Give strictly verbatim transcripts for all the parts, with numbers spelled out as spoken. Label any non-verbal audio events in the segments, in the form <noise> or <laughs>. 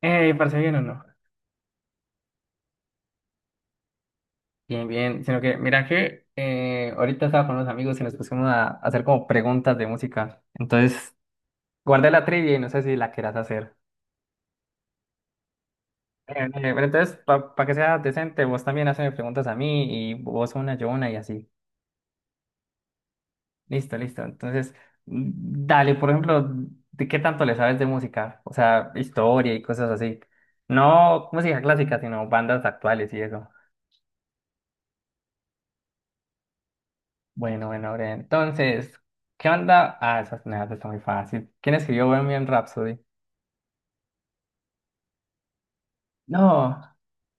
Eh, ¿parece bien o no? Bien, bien. Sino que, mira que eh, ahorita estaba con unos amigos y nos pusimos a hacer como preguntas de música. Entonces, guardé la trivia y no sé si la quieras hacer. Eh, eh, pero entonces, para que sea decente, vos también haces preguntas a mí y vos una, yo una y así. Listo, listo. Entonces, mm, dale, por ejemplo, ¿de qué tanto le sabes de música? O sea, historia y cosas así. No música clásica, sino bandas actuales y eso. Bueno, bueno, Aurea, entonces, ¿qué onda? Ah, esas nada está muy fácil. ¿Quién escribió Bohemian Rhapsody? No,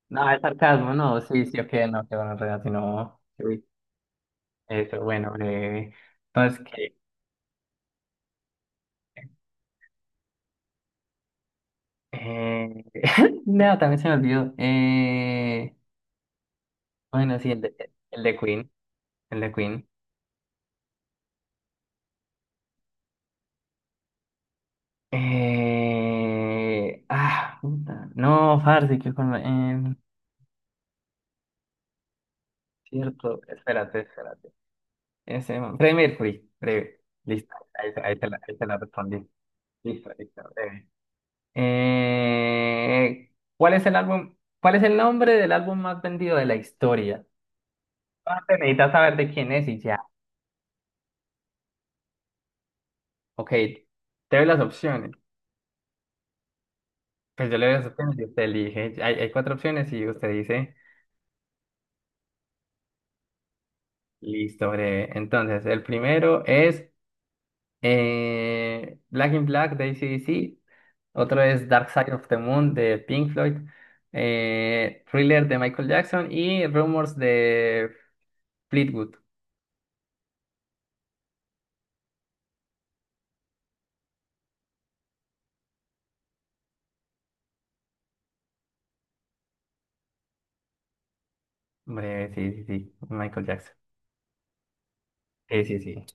no, es sarcasmo, no, sí, sí, ok, no, qué bueno, en realidad, sí, no, sí. Eso, bueno, eh, entonces, qué eh, <laughs> no, también se me olvidó. Eh, bueno, sí, el de, el de Queen, el de Queen. Eh, ah, puta, no, Farsi, qué forma, eh, cierto, espérate, espérate. Ese, man. Freddie Mercury, breve. Listo, ahí, te ahí te la, ahí te la respondí. Listo, listo, breve. Eh, ¿cuál es el álbum, ¿cuál es el nombre del álbum más vendido de la historia? Aparte, necesitas saber de quién es y ya. Ok, te doy las opciones. Pues yo le doy las opciones y usted elige. Hay, hay cuatro opciones y usted dice, listo, breve. Entonces, el primero es Eh, Black in Black de A C/D C. Otro es Dark Side of the Moon de Pink Floyd. Eh, Thriller de Michael Jackson y Rumors de Fleetwood. Hombre, sí, sí, sí. Michael Jackson. Sí, sí, sí.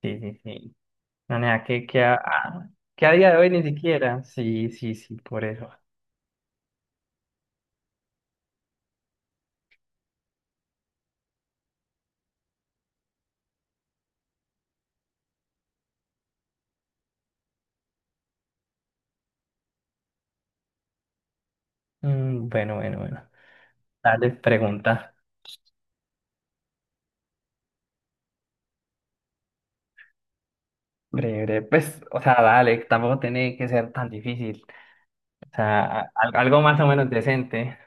Sí, sí, sí. No, nada, que, que, a, ah, que a día de hoy ni siquiera. Sí, sí, sí, por eso. Mm, bueno, bueno, bueno. Dale, pregunta. Breve, pues, o sea, dale, tampoco tiene que ser tan difícil. O sea, a- al- algo más o menos decente.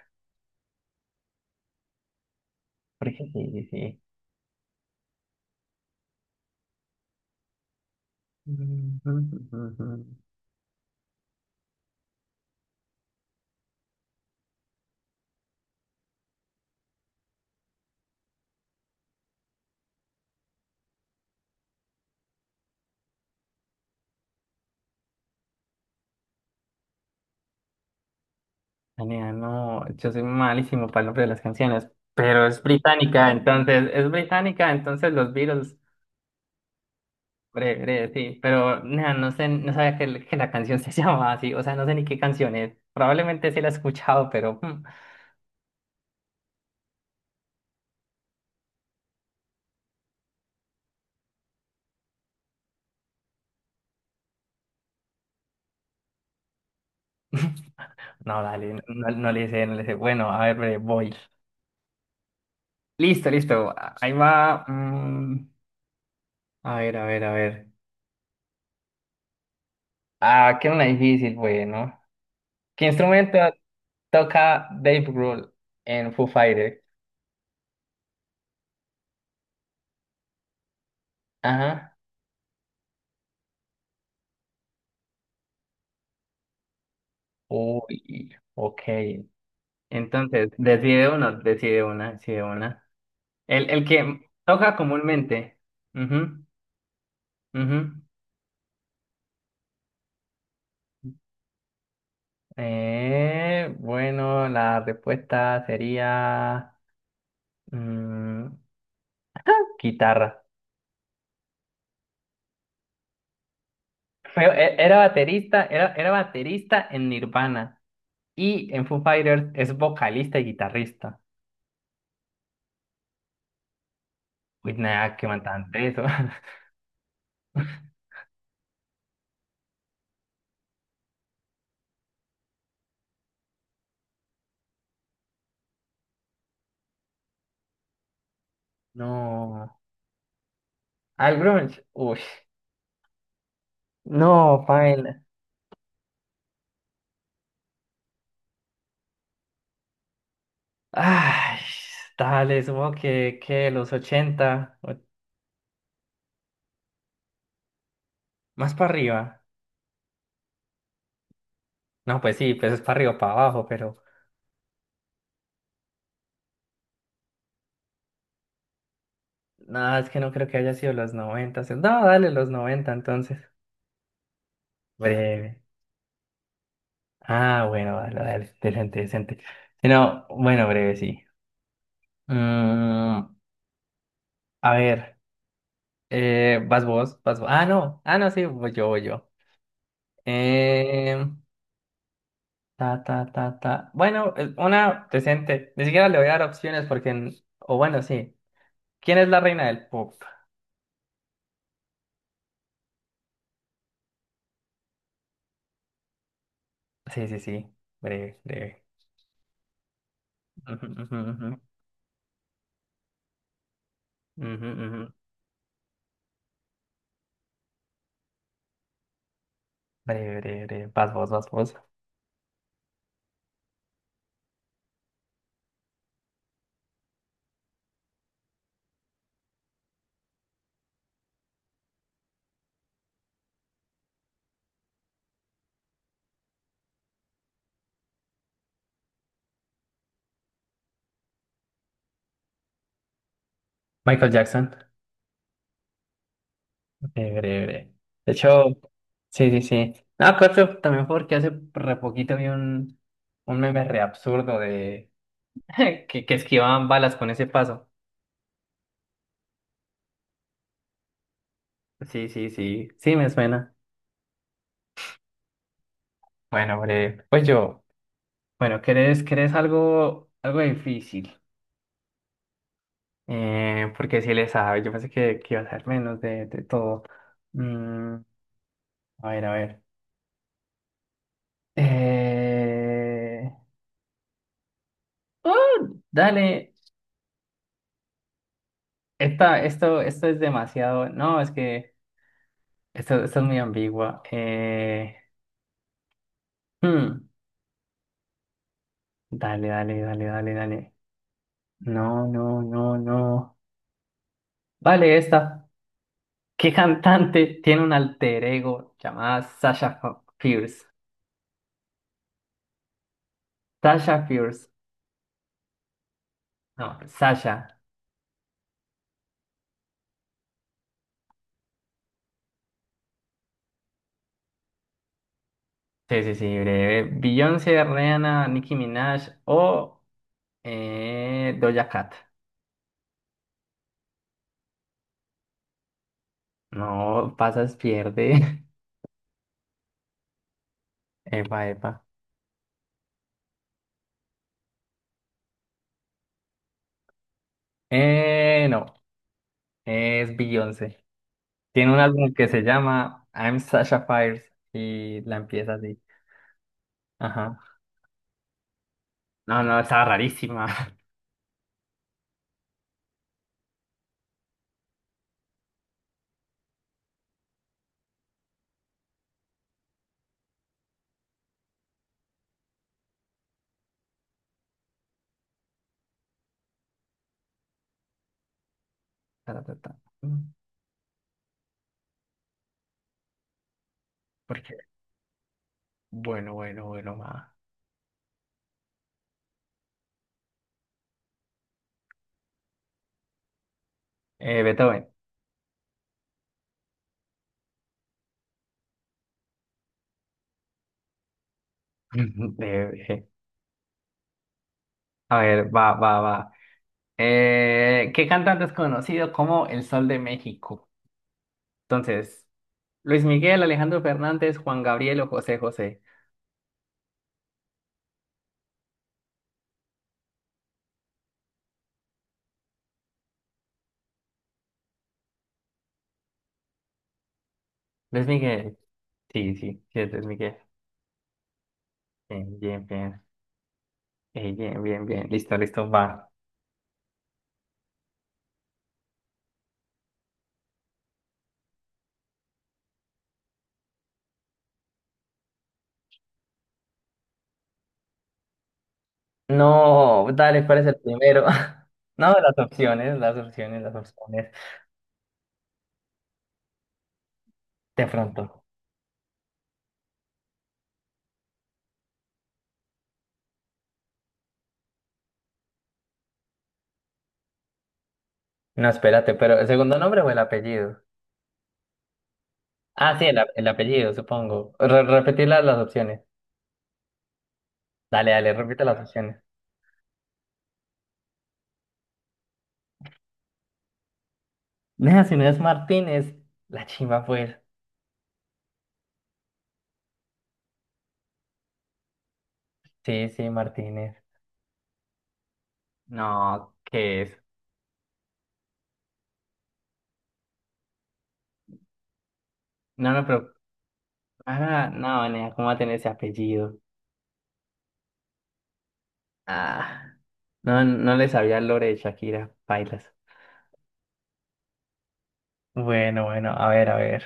Por eso sí, sí. Daniela, no, yo soy malísimo para el nombre de las canciones, pero es británica, entonces, es británica, entonces los Beatles, breve, breve, sí, pero nea, no sé, no sabía que, el- que la canción se <laughs> llamaba así, o sea, no sé ni qué canción es, probablemente sí la he escuchado, pero mm, no, dale, no, no no le sé, no le sé, bueno, a ver, breve, voy, listo, listo, ahí va, mm, a ver, a ver, a ver, ah, que era una difícil, bueno, ¿qué instrumento? Toca Dave Grohl en Foo Fighters. Ajá. Uy, ok. Entonces, decide uno, decide una, decide una. El, el que toca comúnmente. Ujú, ujú. Eh, bueno, la respuesta sería mm, <laughs> guitarra. Fue- e- era baterista, era, era baterista en Nirvana y en Foo Fighters es vocalista y guitarrista. Uy, nada, qué matante eso. <laughs> No. Al grunge, uy, no, paila. Ay, dale, supongo que, que los ochenta, o- más para arriba. No, pues sí, pues es para arriba, para abajo, pero nada, es que no creo que haya sido los noventa. se- No, dale, los noventa, entonces. Breve. Ah, bueno, dale, dale, decente, decente. Si no, bueno, breve, sí. Mm, a ver, eh, vas vos, vas vos. Ah, no, ah, no, sí, voy yo, voy yo. Em, Ta, ta, ta, ta. Bueno, eh, una decente. Ni siquiera le voy a dar opciones porque... n- o bueno, sí. ¿Quién es la reina del pop? Sí, sí, sí. Breve, breve. Ujú, ujú, ujú. Ujú, ujú. Breve, breve, breve. Vas vos, vas vos. Michael Jackson. Breve, breve, breve. De hecho, sí, sí, sí. No, claro, también porque hace re poquito vi un, un meme re absurdo de... <laughs> que, que esquivaban balas con ese paso. Sí, sí, sí. Sí, me suena. Bueno, breve. Pues yo... Bueno, ¿querés, ¿querés algo, algo difícil? Eh, porque si le sabe, yo pensé que, que iba a ser menos de, de todo. Mm, a ver, a ver. Eh... ¡Ah! Dale, esta, esto, esto es demasiado. No, es que esto, esto es muy ambigua. Eh... hmm, Dale, dale, dale, dale, dale. No, no, no, no. Vale, esta. ¿Qué cantante tiene un alter ego llamada Sasha Fierce? Sasha Fierce. No, Sasha. Sí, sí, sí, breve. Beyoncé, Rihanna, Nicki Minaj o eh, Doja Cat. No, pasas, pierde. <laughs> Epa, epa. Eh, no, es Beyoncé. Tiene un álbum que se llama I'm Sasha Fires y la empieza así. Ajá. No, no, estaba rarísima. <laughs> Ta, ta, ta. Porque, bueno, bueno, bueno, va. Eh, Beethoven. <laughs> Eh, eh. A ver, va, va, va. Eh, ¿qué cantante es conocido como el Sol de México? Entonces, Luis Miguel, Alejandro Fernández, Juan Gabriel o José José. Luis Miguel. Sí, sí, sí, es Luis Miguel. Bien, bien, bien. Eh, bien, bien, bien. Listo, listo, va. No, dale, ¿cuál es el primero? <laughs> No, las opciones, las opciones, las opciones. De pronto. No, espérate, pero ¿el segundo nombre o el apellido? Ah, sí, el, a- el apellido, supongo. Re- repetir las, las opciones. Dale, dale, repite las opciones. Nea, si no es Martínez, la chimba pues. Sí, sí, Martínez. No, ¿qué es? No, no, pero. Ah, no, nena, ¿cómo va a tener ese apellido? Ah, no, no le sabía el lore de Shakira, bailas. Bueno, bueno, a ver, a ver.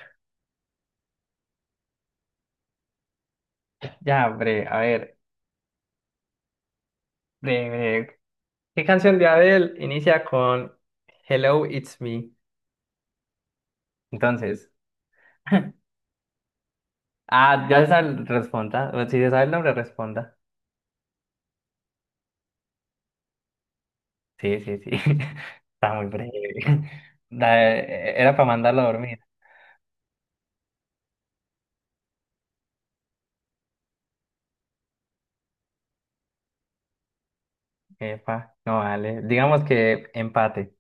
Ya, bre, a ver, bre, bre. ¿Qué canción de Adele inicia con Hello, it's me? Entonces, <laughs> ah, ya se sabe, responda. Bueno, si se sabe el nombre, responda. Sí, sí, sí. <laughs> Está muy breve. <laughs> Da- e, era para mandarlo a dormir. Epa, no vale. Digamos que empate.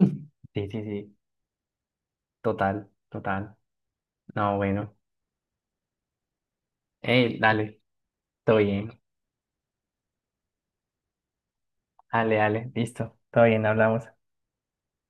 <laughs> Sí, sí, sí. Total, total. No, bueno. Ey, dale. Todo bien. Dale, dale. Listo. Todo bien, hablamos.